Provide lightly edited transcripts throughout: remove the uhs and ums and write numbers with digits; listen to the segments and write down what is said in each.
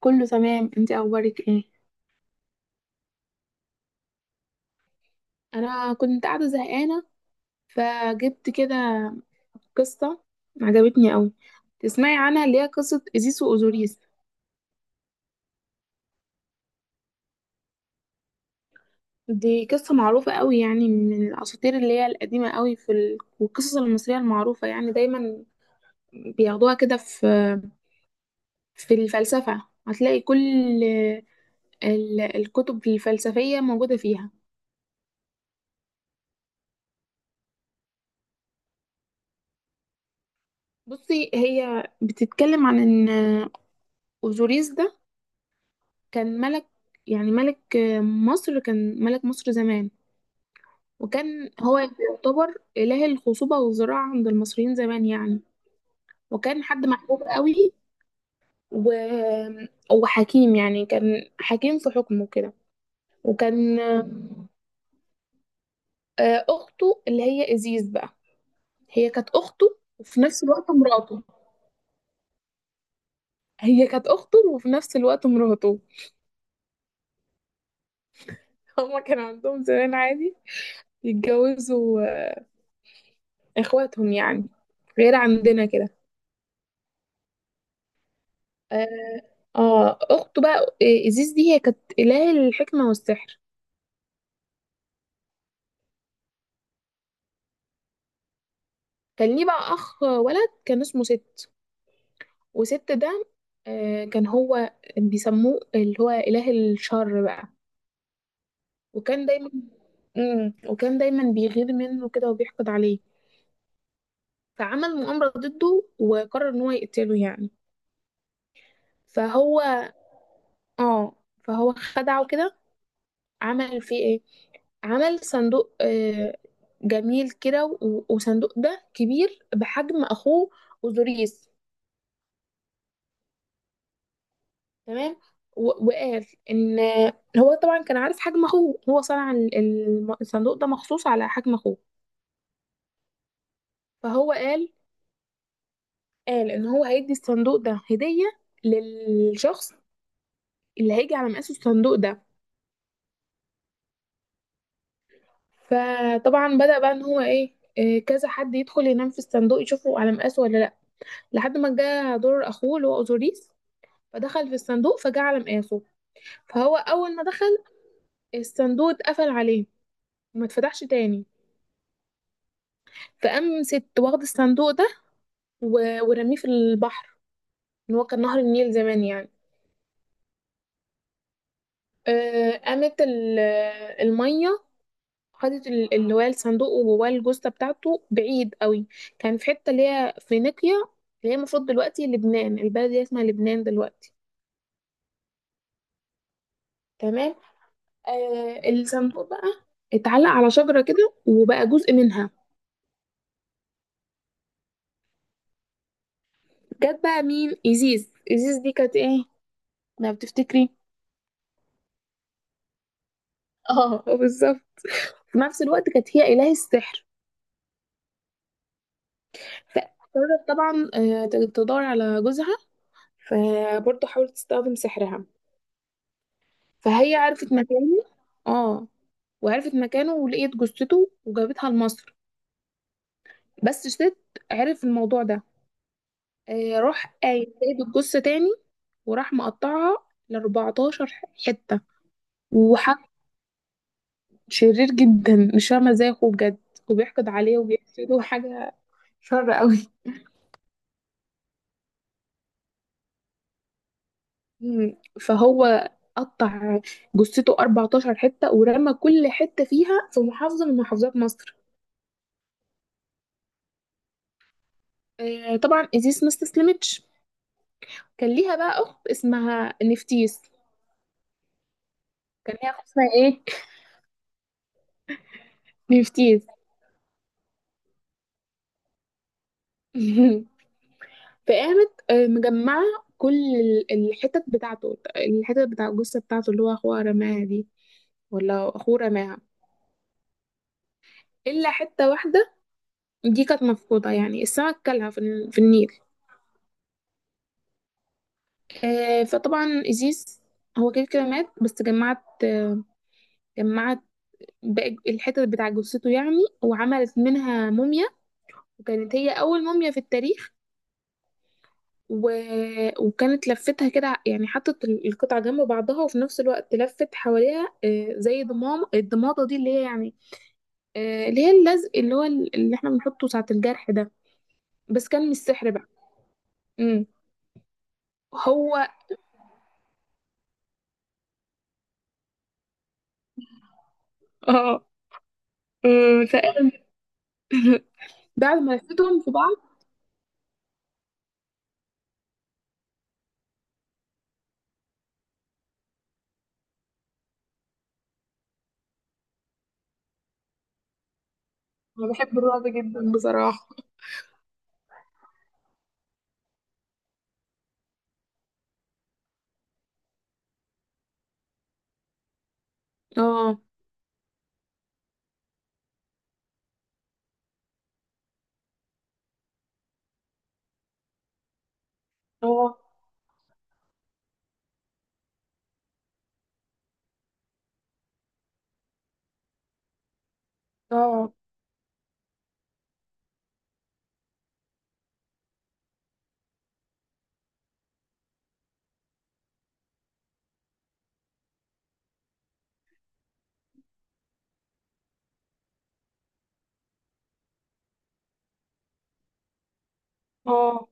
كله تمام، انت اخبارك ايه؟ انا كنت قاعده زهقانه، فجبت كده قصه عجبتني قوي. تسمعي عنها؟ اللي هي قصه ايزيس واوزوريس. دي قصه معروفه قوي يعني، من الاساطير اللي هي القديمه قوي والقصص المصريه المعروفه يعني. دايما بياخدوها كده في الفلسفه، هتلاقي كل الكتب الفلسفيه موجوده فيها. بصي، هي بتتكلم عن ان اوزوريس ده كان ملك، يعني ملك مصر كان ملك مصر زمان. وكان هو يعتبر إله الخصوبة والزراعة عند المصريين زمان يعني. وكان حد محبوب قوي و... وحكيم، يعني كان حكيم في حكمه كده. وكان أخته اللي هي إزيز بقى، هي كانت أخته وفي نفس الوقت مراته. هي كانت أخته وفي نفس الوقت مراته. هما كان عندهم زمان عادي يتجوزوا إخواتهم يعني، غير عندنا كده. اه، اخته بقى، إيزيس دي هي كانت إله الحكمة والسحر. كان ليه بقى اخ ولد، كان اسمه ست. وست ده كان هو بيسموه اللي هو إله الشر بقى. وكان دايما مم. وكان دايما بيغير منه كده وبيحقد عليه. فعمل مؤامرة ضده وقرر ان هو يقتله يعني. فهو اه فهو خدعه كده، عمل فيه ايه، عمل صندوق جميل كده. وصندوق ده كبير بحجم اخوه اوزوريس. تمام. وقال ان هو طبعا كان عارف حجم اخوه، هو صنع الصندوق ده مخصوص على حجم اخوه. فهو قال قال ان هو هيدي الصندوق ده هدية للشخص اللي هيجي على مقاس الصندوق ده. فطبعا بدأ بقى ان هو ايه، كذا حد يدخل ينام في الصندوق يشوفه على مقاسه ولا لا، لحد ما جه دور اخوه اللي هو اوزوريس. فدخل في الصندوق فجعل مقاسه. فهو أول ما دخل الصندوق اتقفل عليه وما اتفتحش تاني. فقام ست واخد الصندوق ده ورميه في البحر، إن هو كان نهر النيل زمان يعني. قامت المية خدت اللي هو الصندوق وجواه الجثة بتاعته بعيد قوي. كان في حتة اللي هي فينيقيا، اللي هي المفروض دلوقتي لبنان، البلد دي اسمها لبنان دلوقتي. تمام. آه، الصندوق بقى اتعلق على شجرة كده وبقى جزء منها. جت بقى مين؟ إيزيس. إيزيس دي كانت ايه لو بتفتكري؟ اه بالظبط، في نفس الوقت كانت هي إله السحر. فقررت طبعا تدور على جوزها. فبرضه حاولت تستخدم سحرها، فهي عرفت مكانه. اه، وعرفت مكانه ولقيت جثته وجابتها لمصر. بس ست عرف الموضوع ده، راح قايم جايب الجثة تاني وراح مقطعها ل 14 حتة. وح... شرير جدا، مش فاهمة ازاي اخوه بجد وبيحقد عليه وبيحسده. حاجة شر قوي. فهو قطع جثته 14 حتة ورمى كل حتة فيها في محافظة من محافظات مصر. آه، طبعا إيزيس ما استسلمتش. كان ليها بقى أخت اسمها نفتيس. كان ليها أخت اسمها إيه؟ نفتيس. فقامت مجمعة كل الحتت بتاع الجثة بتاعته اللي هو أخوها رماها دي، ولا أخوه رماها، إلا حتة واحدة. دي كانت مفقودة، يعني السمك كلها في النيل. آه، فطبعا إيزيس هو كده كده مات، بس جمعت باقي الحتت بتاع جثته يعني. وعملت منها موميا، وكانت هي أول موميا في التاريخ. و... وكانت لفتها كده، يعني حطت القطع جنب بعضها، وفي نفس الوقت لفت حواليها آه زي ضمام الضماطة دي اللي هي يعني، آه اللي هي اللزق اللي هو اللي احنا بنحطه ساعة الجرح ده. بس كان مش سحر بقى. امم هو اه آه، فقال بعد ما لفتهم في بعض، انا بحب الرعب جدا بصراحه. اه. اه. اه. اه.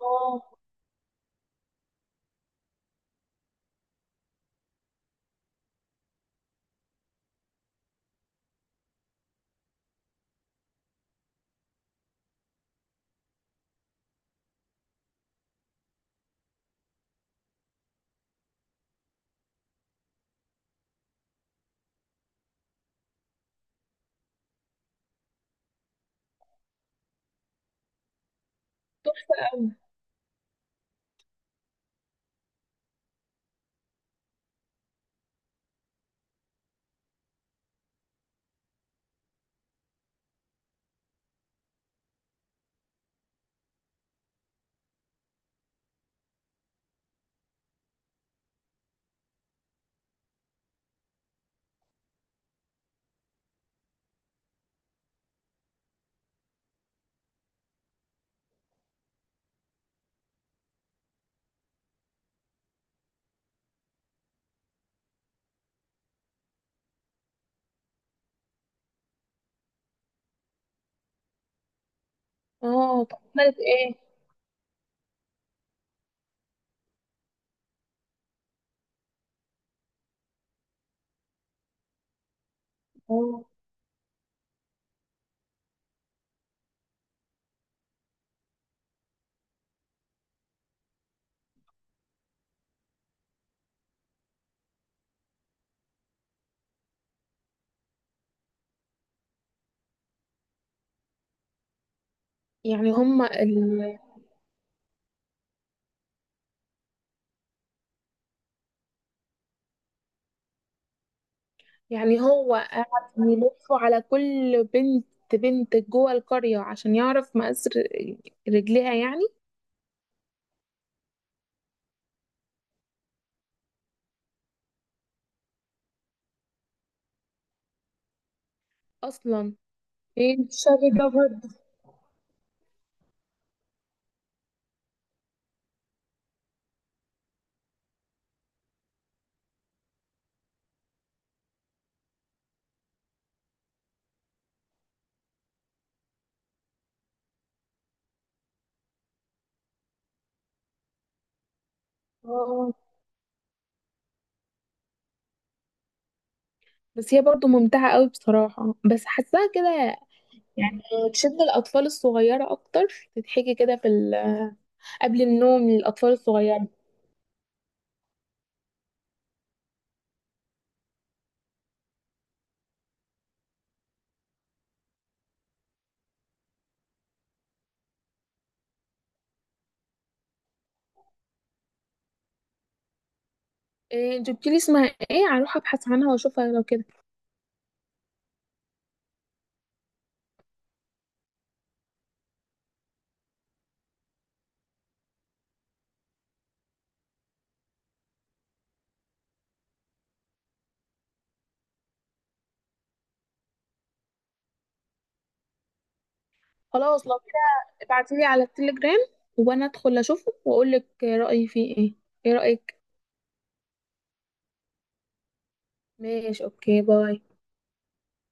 اه. تحفه قوي. اه، طب عملت ايه؟ اه، يعني هما ال... يعني هو قعد يلف على كل بنت، بنت جوه القرية عشان يعرف مقاس رجليها يعني. أصلا، ايه الشر ده برضه؟ اه، بس هي برضو ممتعة قوي بصراحة، بس حاساها كده يعني تشد الأطفال الصغيرة أكتر، تتحكي كده في قبل النوم للأطفال الصغيرة. إيه جبت لي اسمها؟ ايه، هروح ابحث عنها واشوفها لو كده. خلاص، لو كده ابعتي لي على التليجرام، وانا ادخل اشوفه واقول لك رأيي فيه ايه. ايه رأيك؟ ماشي، اوكي، باي.